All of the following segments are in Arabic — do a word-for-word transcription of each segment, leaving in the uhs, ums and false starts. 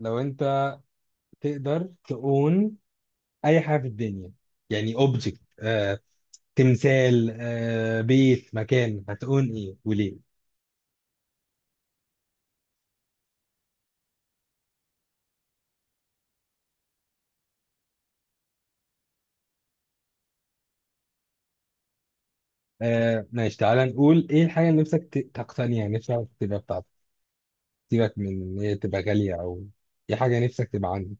لو انت تقدر تقون اي حاجه في الدنيا يعني اوبجكت آه، تمثال، آه، بيت، مكان، هتقون ايه وليه؟ آه، ماشي، تعالى نقول ايه الحاجه اللي نفسك ت- تقتنيها، نفسك تبقى بتاعتك. سيبك من ان هي تبقى غاليه او، ايه حاجه نفسك تبقى عندك.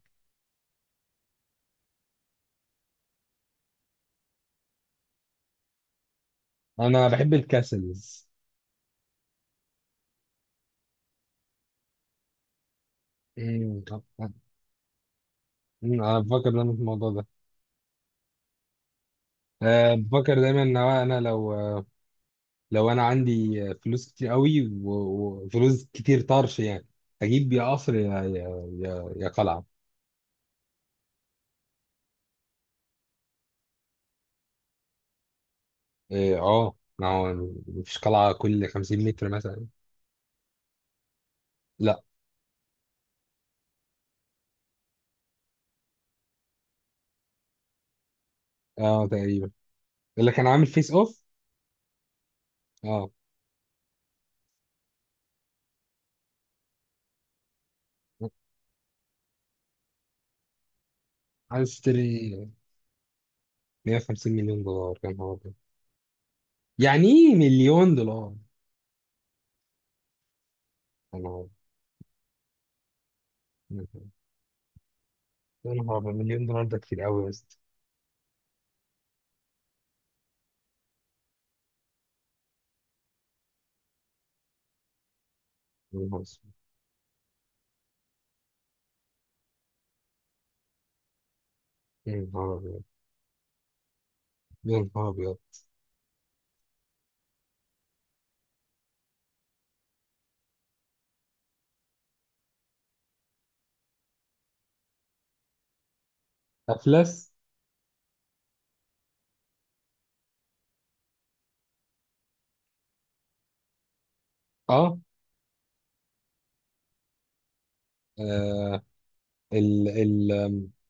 انا بحب الكاسلز. مم، انا بفكر دايما في الموضوع ده. أه بفكر دايما ان هو انا لو لو انا عندي فلوس كتير قوي و- وفلوس كتير طرش يعني اجيب يا قصر، يا يا يا, يا قلعه. إيه، اه ما هو مفيش قلعه كل خمسين متر مثلا. لا. اه، تقريبا. اللي كان عامل فيس اوف. اه. عايز اشتري. مية وخمسين مليون دولار كان هو ده. يعني ايه مليون دولار؟ يا نهار. يا نهار أبيض، مليون دولار ده كتير قوي يا اسطى. يا نهار أسود. يا نهار أبيض. يا نهار أبيض. افلس. اه آه. ال ال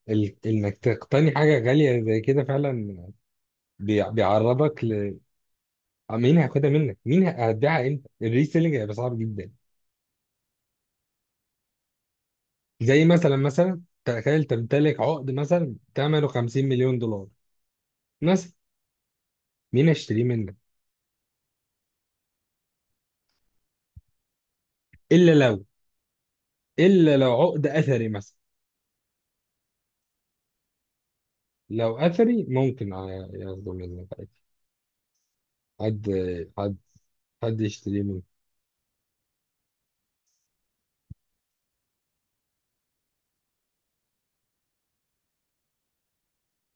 ال انك تقتني حاجة غالية زي كده فعلا بي- بيعرضك ل، آه، مين هياخدها منك؟ مين ه- هتبيعها امتى؟ الريسيلينج هيبقى صعب جدا. زي مثلا، مثلا تخيل تمتلك عقد مثلا ثمنه خمسين مليون دولار مثلا. مين هيشتريه منك؟ الا لو، الا لو عقد اثري مثلا. لو اثري ممكن ع- ياخده منك عادي. حد حد حد يشتريه منك.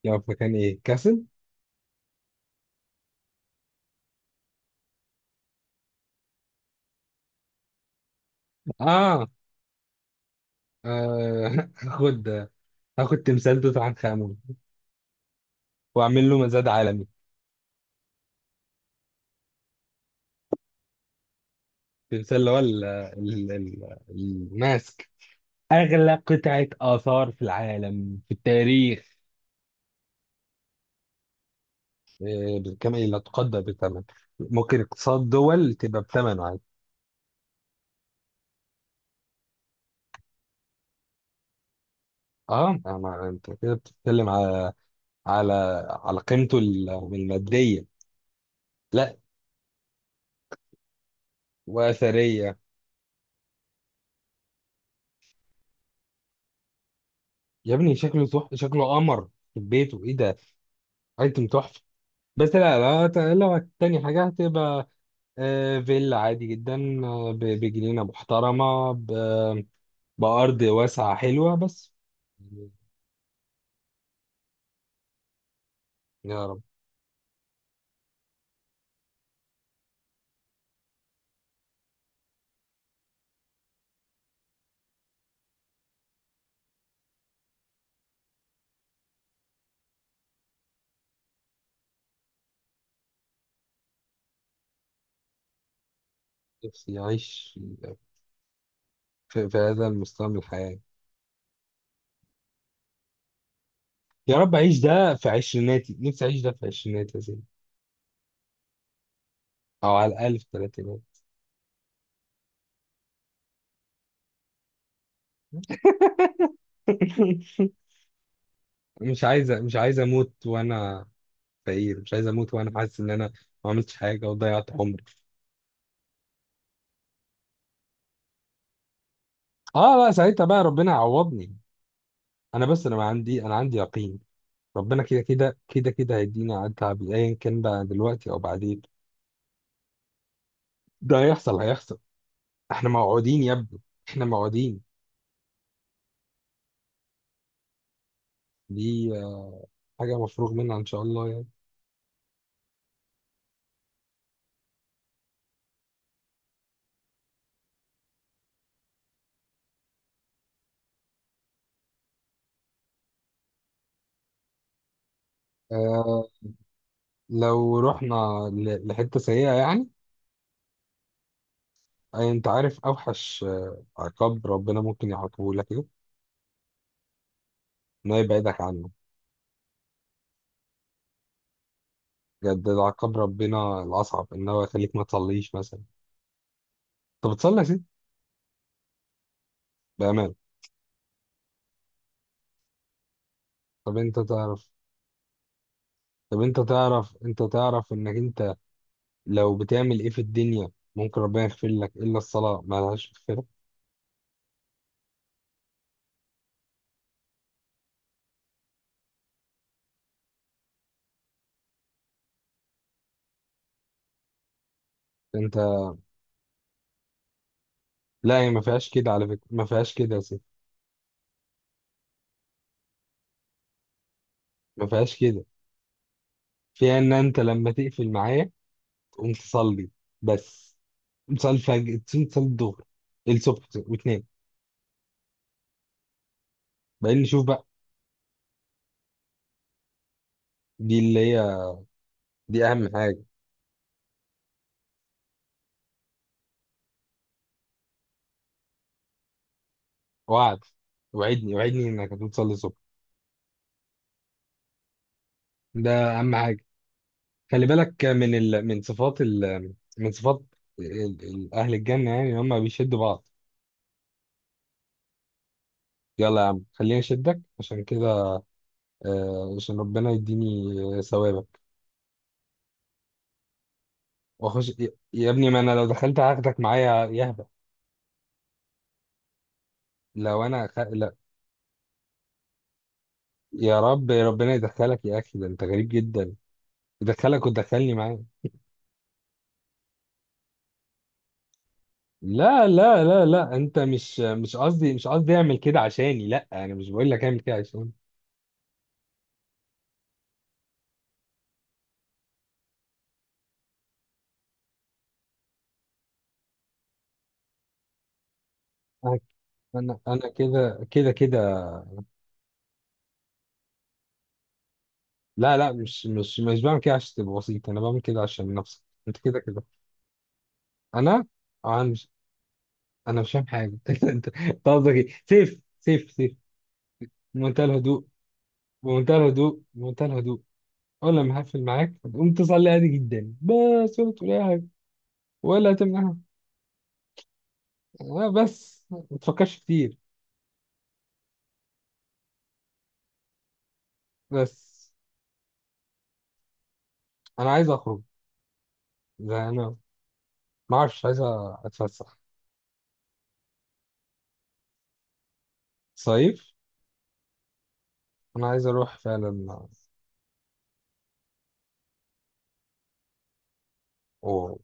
لو في مكان ايه؟ كاسل؟ اه. آه. هاخد هاخد تمثال توت عنخ امون واعمل له مزاد عالمي. تمثال اللي هو ال- ال- ال- الماسك، اغلى قطعه اثار في العالم في التاريخ. آه، بكم؟ لا تقدر بثمن، ممكن اقتصاد دول تبقى بثمنه عادي. اه، آه، ما انت كده بتتكلم على، على على قيمته ال- الماديه. لا، واثريه. يا ابني شكله تحفه، شكله قمر في بيته، ايه ده؟ ايتم تحفه. بس لا لا، ت- لو التاني حاجه هتبقى آه، فيلا عادي جدا، آه، ب- بجنينة محترمة، ب- بأرض واسعة حلوة، بس يعني. يا رب نفسي أعيش في, في هذا المستوى من الحياة. يا رب أعيش ده في عشريناتي، نفسي أعيش ده في عشريناتي يا سيدي، أو على الأقل في تلاتيناتي. مش عايز مش عايز أموت وأنا فقير، مش عايز أموت وأنا حاسس إن أنا ما عملتش حاجة وضيعت عمري. آه لا، ساعتها بقى ربنا يعوضني. أنا بس أنا ما عندي، أنا عندي يقين ربنا كده كده كده كده هيدينا على التعب، ايا كان بقى دلوقتي او بعدين، ده هيحصل هيحصل. احنا موعودين يا ابني، احنا موعودين. دي آه، حاجه مفروغ منها ان شاء الله يعني. آه لو رحنا ل- لحته سيئه يعني. آه انت عارف اوحش آه، عقاب ربنا ممكن يعاقبه لك ايه؟ انه يبعدك عنه. بجد ده عقاب ربنا الاصعب، ان هو يخليك ما تصليش مثلا. طب بتصلي يا سيدي؟ بامان. طب انت تعرف، طب انت تعرف انت تعرف انك انت لو بتعمل ايه في الدنيا ممكن ربنا يغفر لك، الا الصلاه ما لهاش مغفره. انت. لا هي ما فيهاش كده على فكره، ما فيهاش كده يا سيدي. ما فيهاش كده. فيها ان انت لما تقفل معايا تقوم تصلي، بس. تقوم تصلي الفجر، تصلي تصلي الظهر، الصبح، وتنام، بعدين نشوف بقى. دي اللي هي، دي اهم حاجه. وعد. وعدني وعدني انك هتقوم تصلي الصبح. ده اهم حاجه. خلي بالك من ال... من صفات ال... من صفات ال... ال... اهل الجنه، يعني هم بيشدوا بعض. يلا يا عم خليني اشدك عشان كده، آه، عشان ربنا يديني آه، ثوابك. واخش يا يا ابني، ما انا لو دخلت هاخدك معايا يهبه. لو انا أخ... لا. يا رب ربنا يدخلك يا اخي، ده انت غريب جدا. يدخلك وتدخلني معاه. لا لا لا لا، انت مش مش قصدي، مش قصدي اعمل كده عشاني، لا انا مش بقول لك اعمل كده عشاني. انا انا أنا كده كده كده. لا لا، مش مش مش بعمل كده عشان تبقى بسيط، انا بعمل كده عشان نفسك انت كده كده. انا انا مش انا مش فاهم حاجه. انت أنت، قصدك ايه سيف سيف سيف؟ بمنتهى الهدوء، بمنتهى الهدوء، بمنتهى الهدوء. اول لما هقفل معاك هتقوم تزعل لي عادي جدا، بس ولا تقول اي حاجه ولا هتمنعها. آه، بس ما تفكرش كتير. بس انا عايز اخرج، زي انا ما اعرفش، عايز اتفسح، صيف. انا عايز اروح فعلا. و...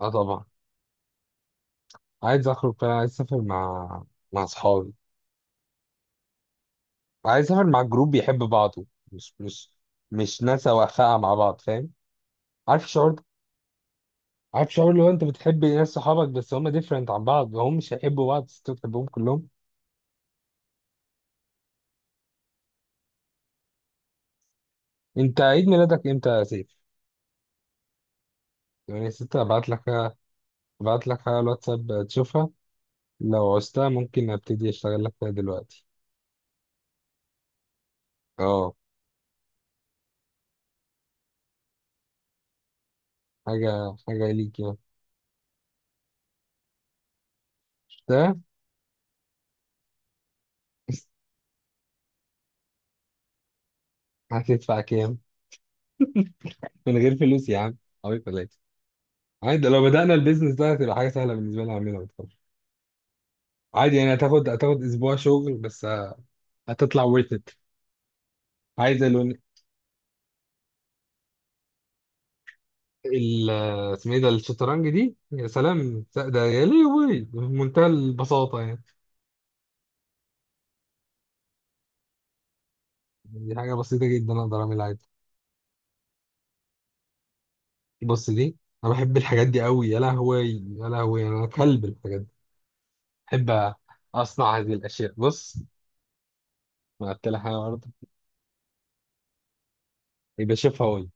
اه طبعا. عايز اخرج فعلا، عايز اسافر مع، مع اصحابي. عايز اسافر مع جروب بيحب بعضه، مش مش مش ناس واقفه مع بعض، فاهم؟ عارف الشعور ده؟ عارف شعور لو انت بتحب ناس صحابك بس هم ديفرنت عن بعض، وهم مش هيحبوا بعض، بس انت بتحبهم كلهم. انت عيد ميلادك امتى يا سيف؟ يعني يا ستة ابعت لك، ابعت لك حاجه على الواتساب تشوفها، لو عوزتها ممكن ابتدي اشتغل لك فيها دلوقتي. اه، حاجه حاجه ليك يعني. ده. هتدفع كام؟ من غير فلوس يا عم. حوالي ثلاثة. عادي لو بدأنا البيزنس ده هتبقى حاجة سهلة بالنسبة لي أعملها، ما تخافش. عادي، يعني هتاخد هتاخد أسبوع شغل بس، هتطلع worth it. عايز ال- اسمه ايه ده؟ الشطرنج دي، يا سلام، ده ده يا ليه وي، بمنتهى البساطة يعني. دي حاجة بسيطة جدا، أقدر أعملها عادي. بص دي. أنا بحب الحاجات دي أوي يا لهوي. يا لهوي أنا كلب الحاجات دي. بحب أصنع هذه الأشياء. بص، ما قلت لك أنا برضه، يبقى شوفها.